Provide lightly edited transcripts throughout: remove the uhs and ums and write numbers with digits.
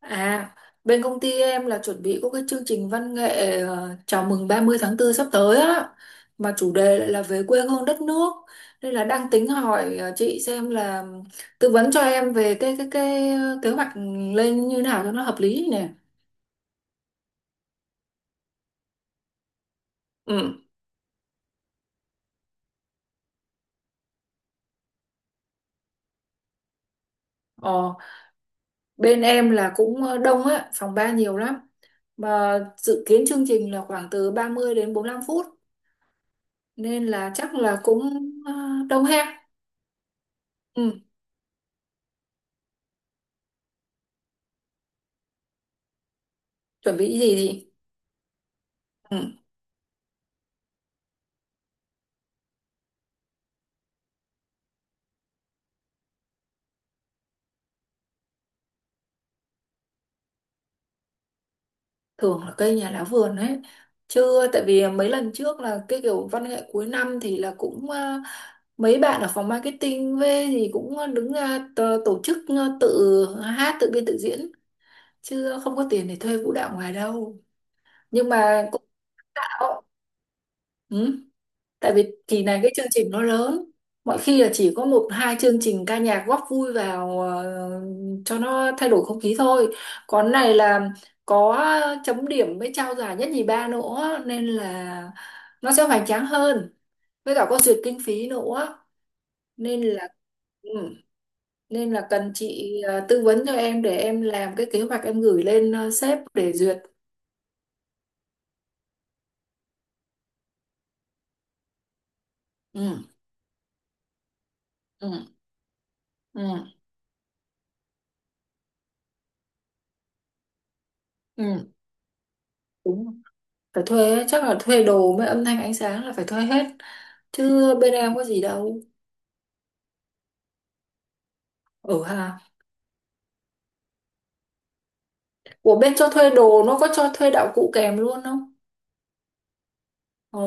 À, Bên công ty em là chuẩn bị có cái chương trình văn nghệ chào mừng 30 tháng 4 sắp tới á, mà chủ đề lại là về quê hương đất nước, nên là đang tính hỏi chị xem là tư vấn cho em về cái kế hoạch lên như nào cho nó hợp lý nè. Ừ. Ờ, Bên em là cũng đông á, phòng ban nhiều lắm. Mà dự kiến chương trình là khoảng từ 30 đến 45 phút, nên là chắc là cũng ờ, đông ha. Ừ, chuẩn bị gì thì ừ. Thường là cây nhà lá vườn ấy, chứ tại vì mấy lần trước là cái kiểu văn nghệ cuối năm thì là cũng à, mấy bạn ở phòng marketing về thì cũng đứng ra tổ chức, tự hát tự biên tự diễn, chứ không có tiền để thuê vũ đạo ngoài đâu. Nhưng mà cũng bảo. Ừ. Tại vì kỳ này cái chương trình nó lớn. Mọi khi là chỉ có một hai chương trình ca nhạc góp vui vào, cho nó thay đổi không khí thôi. Còn này là có chấm điểm với trao giải nhất nhì ba nữa, nên là nó sẽ hoành tráng hơn. Với cả có duyệt kinh phí nữa, nên là ừ, nên là cần chị tư vấn cho em để em làm cái kế hoạch em gửi lên sếp để duyệt. Ừ. Ừ. Ừ. Ừ. Đúng rồi. Phải thuê ấy, chắc là thuê đồ với âm thanh ánh sáng là phải thuê hết, chứ bên em có gì đâu. Ở hà, của bên cho thuê đồ nó có cho thuê đạo cụ kèm luôn không? Ờ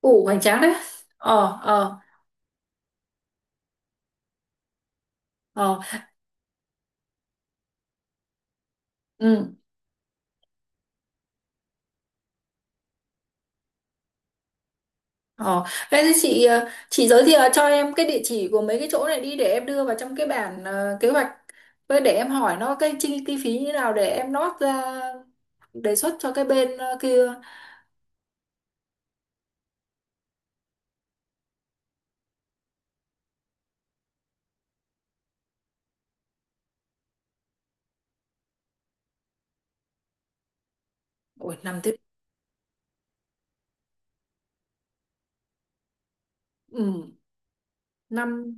ủ Hoành tráng đấy. ờ ờ ờ ừ. ờ Thế thì chị chị giới thiệu cho em cái địa chỉ của mấy cái chỗ này đi để em đưa vào trong cái bản kế hoạch, với để em hỏi nó cái chi chi phí như thế nào để em nót ra đề xuất cho cái bên kia. Ủa, năm tiếp? Ừ, năm.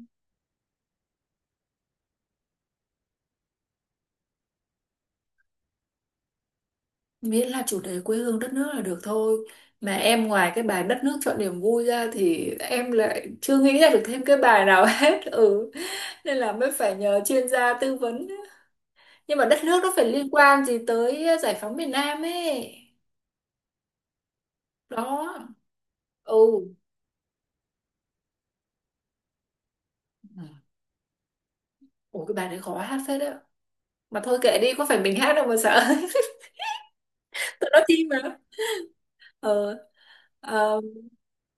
Miễn là chủ đề quê hương đất nước là được thôi. Mà em ngoài cái bài đất nước chọn niềm vui ra thì em lại chưa nghĩ ra được thêm cái bài nào hết. Ừ, nên là mới phải nhờ chuyên gia tư vấn. Nhưng mà đất nước nó phải liên quan gì tới giải phóng miền Nam ấy. Đó. Ừ. Ủa, cái bài đấy khó hát phết đấy. Mà thôi kệ đi, có phải mình hát đâu mà sợ. Tụi nó chim mà. ờ ờ,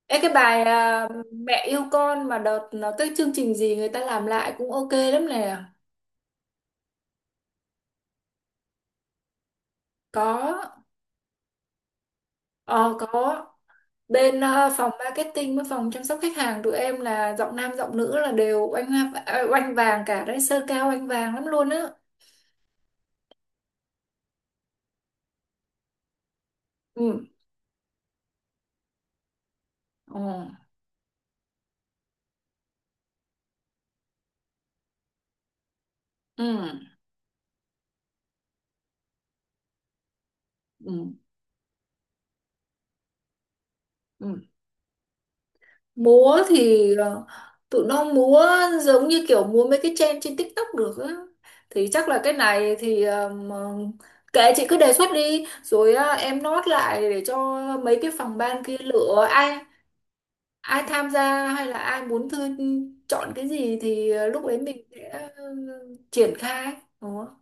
Ê, cái bài à, mẹ yêu con mà đợt nó cái chương trình gì người ta làm lại cũng ok lắm nè. Có. Ờ, có bên phòng marketing với phòng chăm sóc khách hàng tụi em là giọng nam giọng nữ là đều oanh vàng cả đấy, sơ cao oanh vàng lắm luôn á. Ừ. Ừ. Ừ. Ừ. Ừ. Múa thì tụi nó múa giống như kiểu múa mấy cái trend trên TikTok được á. Thì chắc là cái này thì kệ chị cứ đề xuất đi rồi em nốt lại để cho mấy cái phòng ban kia lựa ai, ai tham gia hay là ai muốn thư, chọn cái gì thì lúc đấy mình sẽ ờ, triển khai đó.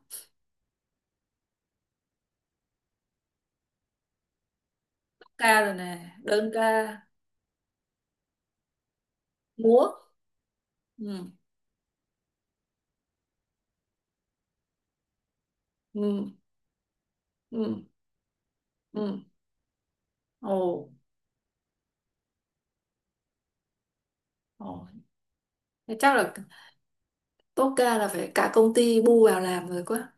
Ca rồi nè, đơn ca, múa. Ừ. Ừ. Ừ. Ừ. Ồ. Ồ. Thế chắc là tốt ca là phải cả công ty bu vào làm rồi quá.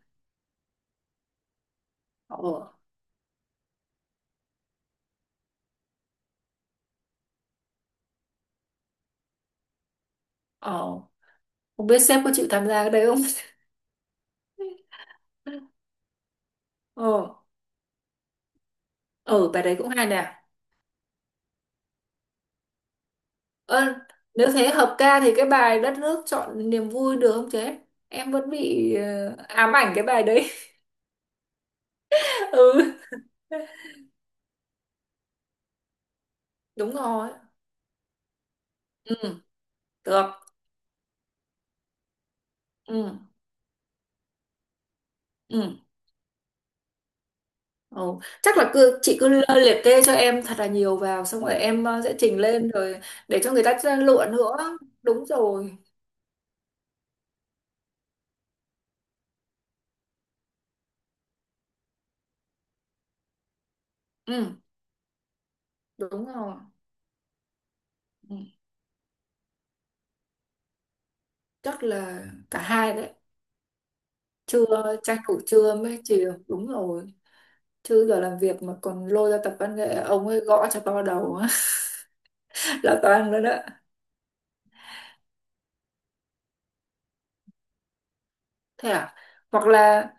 Ồ. Ồ. Không biết sếp có chịu tham gia cái đấy không. Ồ. Ừ, bài đấy cũng hay nè. Ơ, nếu thế hợp ca thì cái bài đất nước chọn niềm vui được không chế? Em vẫn bị ám ảnh cái bài đấy. Ừ, đúng rồi. Ừ, được. Ừ. Ừ. Ừ. Chắc là cứ chị cứ liệt kê cho em thật là nhiều vào, xong rồi em sẽ chỉnh lên rồi để cho người ta lựa nữa. Đúng rồi. Ừ, đúng rồi. Ừ. Chắc là cả hai đấy. Trưa, tranh thủ trưa mới chiều, đúng rồi, chứ giờ làm việc mà còn lôi ra tập văn nghệ ông ấy gõ cho to đầu. Là toàn rồi đó. Thế à. Hoặc là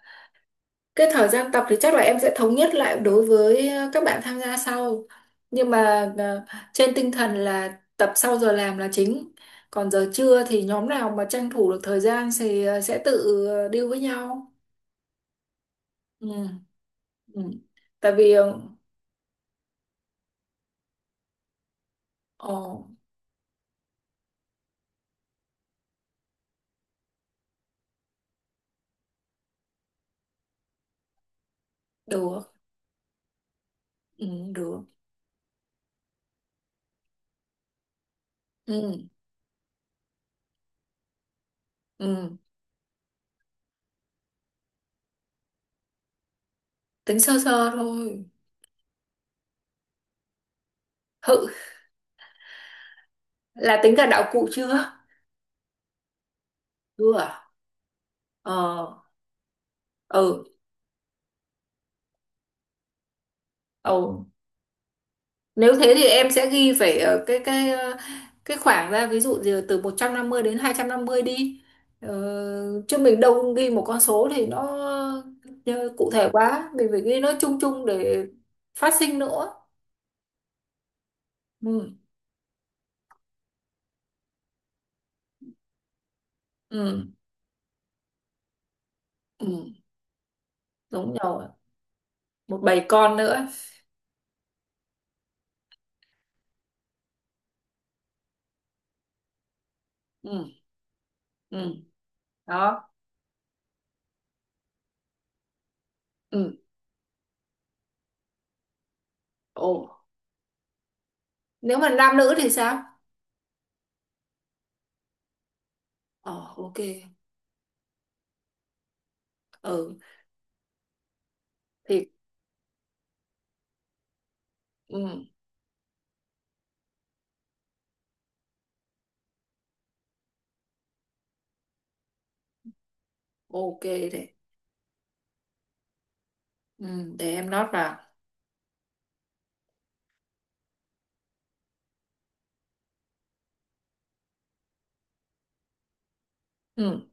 cái thời gian tập thì chắc là em sẽ thống nhất lại đối với các bạn tham gia sau. Nhưng mà trên tinh thần là tập sau giờ làm là chính. Còn giờ trưa thì nhóm nào mà tranh thủ được thời gian thì sẽ tự deal với nhau. Ừ. Ừ. Tại vì ồ, được, ừ, được. Ừ. Ừ. Tính sơ sơ thôi. Hự, là tính cả đạo cụ chưa? Chưa à? Ờ, ừ, ừ. Nếu thế thì em sẽ ghi phải ở cái cái khoảng ra ví dụ gì là từ 150 đến 250 đi. Ờ, chứ mình đâu ghi một con số thì nó cụ thể quá, mình phải ghi nó chung chung để phát sinh nữa. Ừ, ừ, ừ, đúng rồi. Một bầy con nữa. Ừ, ừ, đó. Ừ. Ồ, nếu mà nam nữ thì sao? Ờ, ok. Ừ, thì ừ, ok Ừ, để em note vào. Ừ.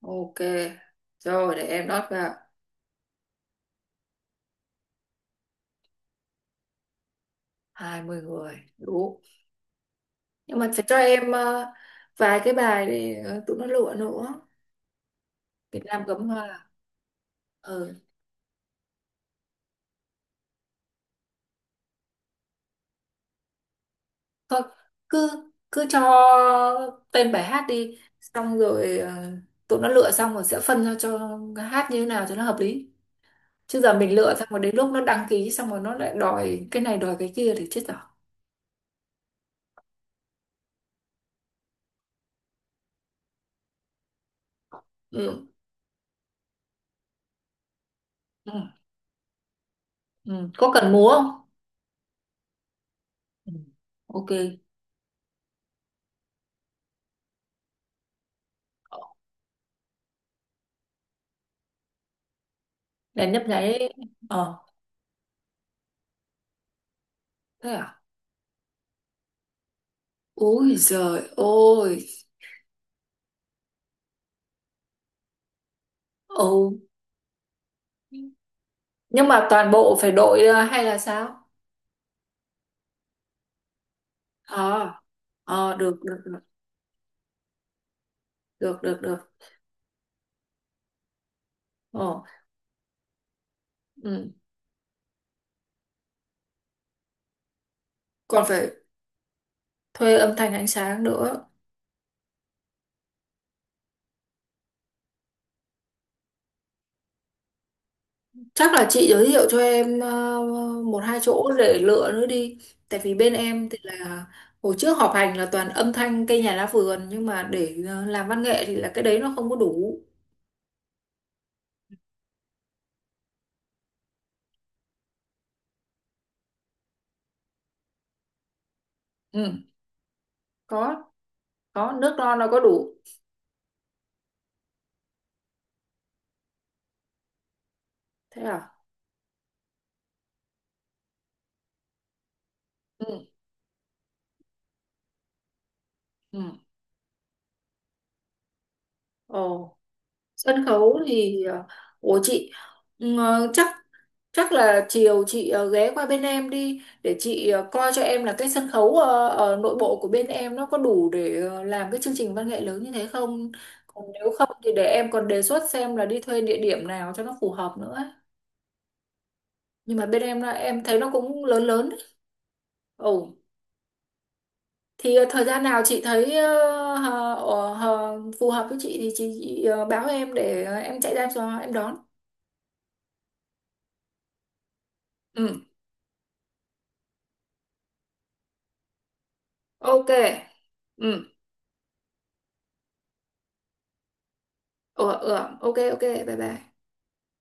Ok, rồi để em lót vào. 20 người đủ. Nhưng mà phải cho em vài cái bài để tụi nó lựa nữa. Việt Nam cấm hoa. Ừ. Thôi, cứ cứ cho tên bài hát đi, xong rồi tụi nó lựa xong rồi sẽ phân ra cho hát như thế nào cho nó hợp lý. Chứ giờ mình lựa xong rồi đến lúc nó đăng ký xong rồi nó lại đòi cái này đòi cái kia thì chết rồi. Ừ. Ừ. Ừ. Có cần múa không? Ừ. Ok. Đèn nhấp nháy. Ờ. Thế à? Úi giời ôi. Ồ. Nhưng mà toàn bộ phải đội hay là sao? Ờ, ờ, được, được, được, được, được, được. Ồ, ừ. Còn phải thuê âm thanh ánh sáng nữa. Chắc là chị giới thiệu cho em một hai chỗ để lựa nữa đi. Tại vì bên em thì là hồi trước họp hành là toàn âm thanh cây nhà lá vườn, nhưng mà để làm văn nghệ thì là cái đấy nó không có đủ. Ừ, có, có nước non nó có đủ. Thế à? Ừ, ừ. Ồ. Sân khấu thì của chị. Chắc chắc là chiều chị ghé qua bên em đi để chị coi cho em là cái sân khấu ở nội bộ của bên em nó có đủ để làm cái chương trình văn nghệ lớn như thế không. Còn nếu không thì để em còn đề xuất xem là đi thuê địa điểm nào cho nó phù hợp nữa ấy. Nhưng mà bên em là em thấy nó cũng lớn lớn đấy. Ồ, thì thời gian nào chị thấy phù hợp với chị thì chị báo em để em chạy ra cho em đón. Ừ, ok. Ừ. Ừ. Ừ. Ok, ok, bye bye.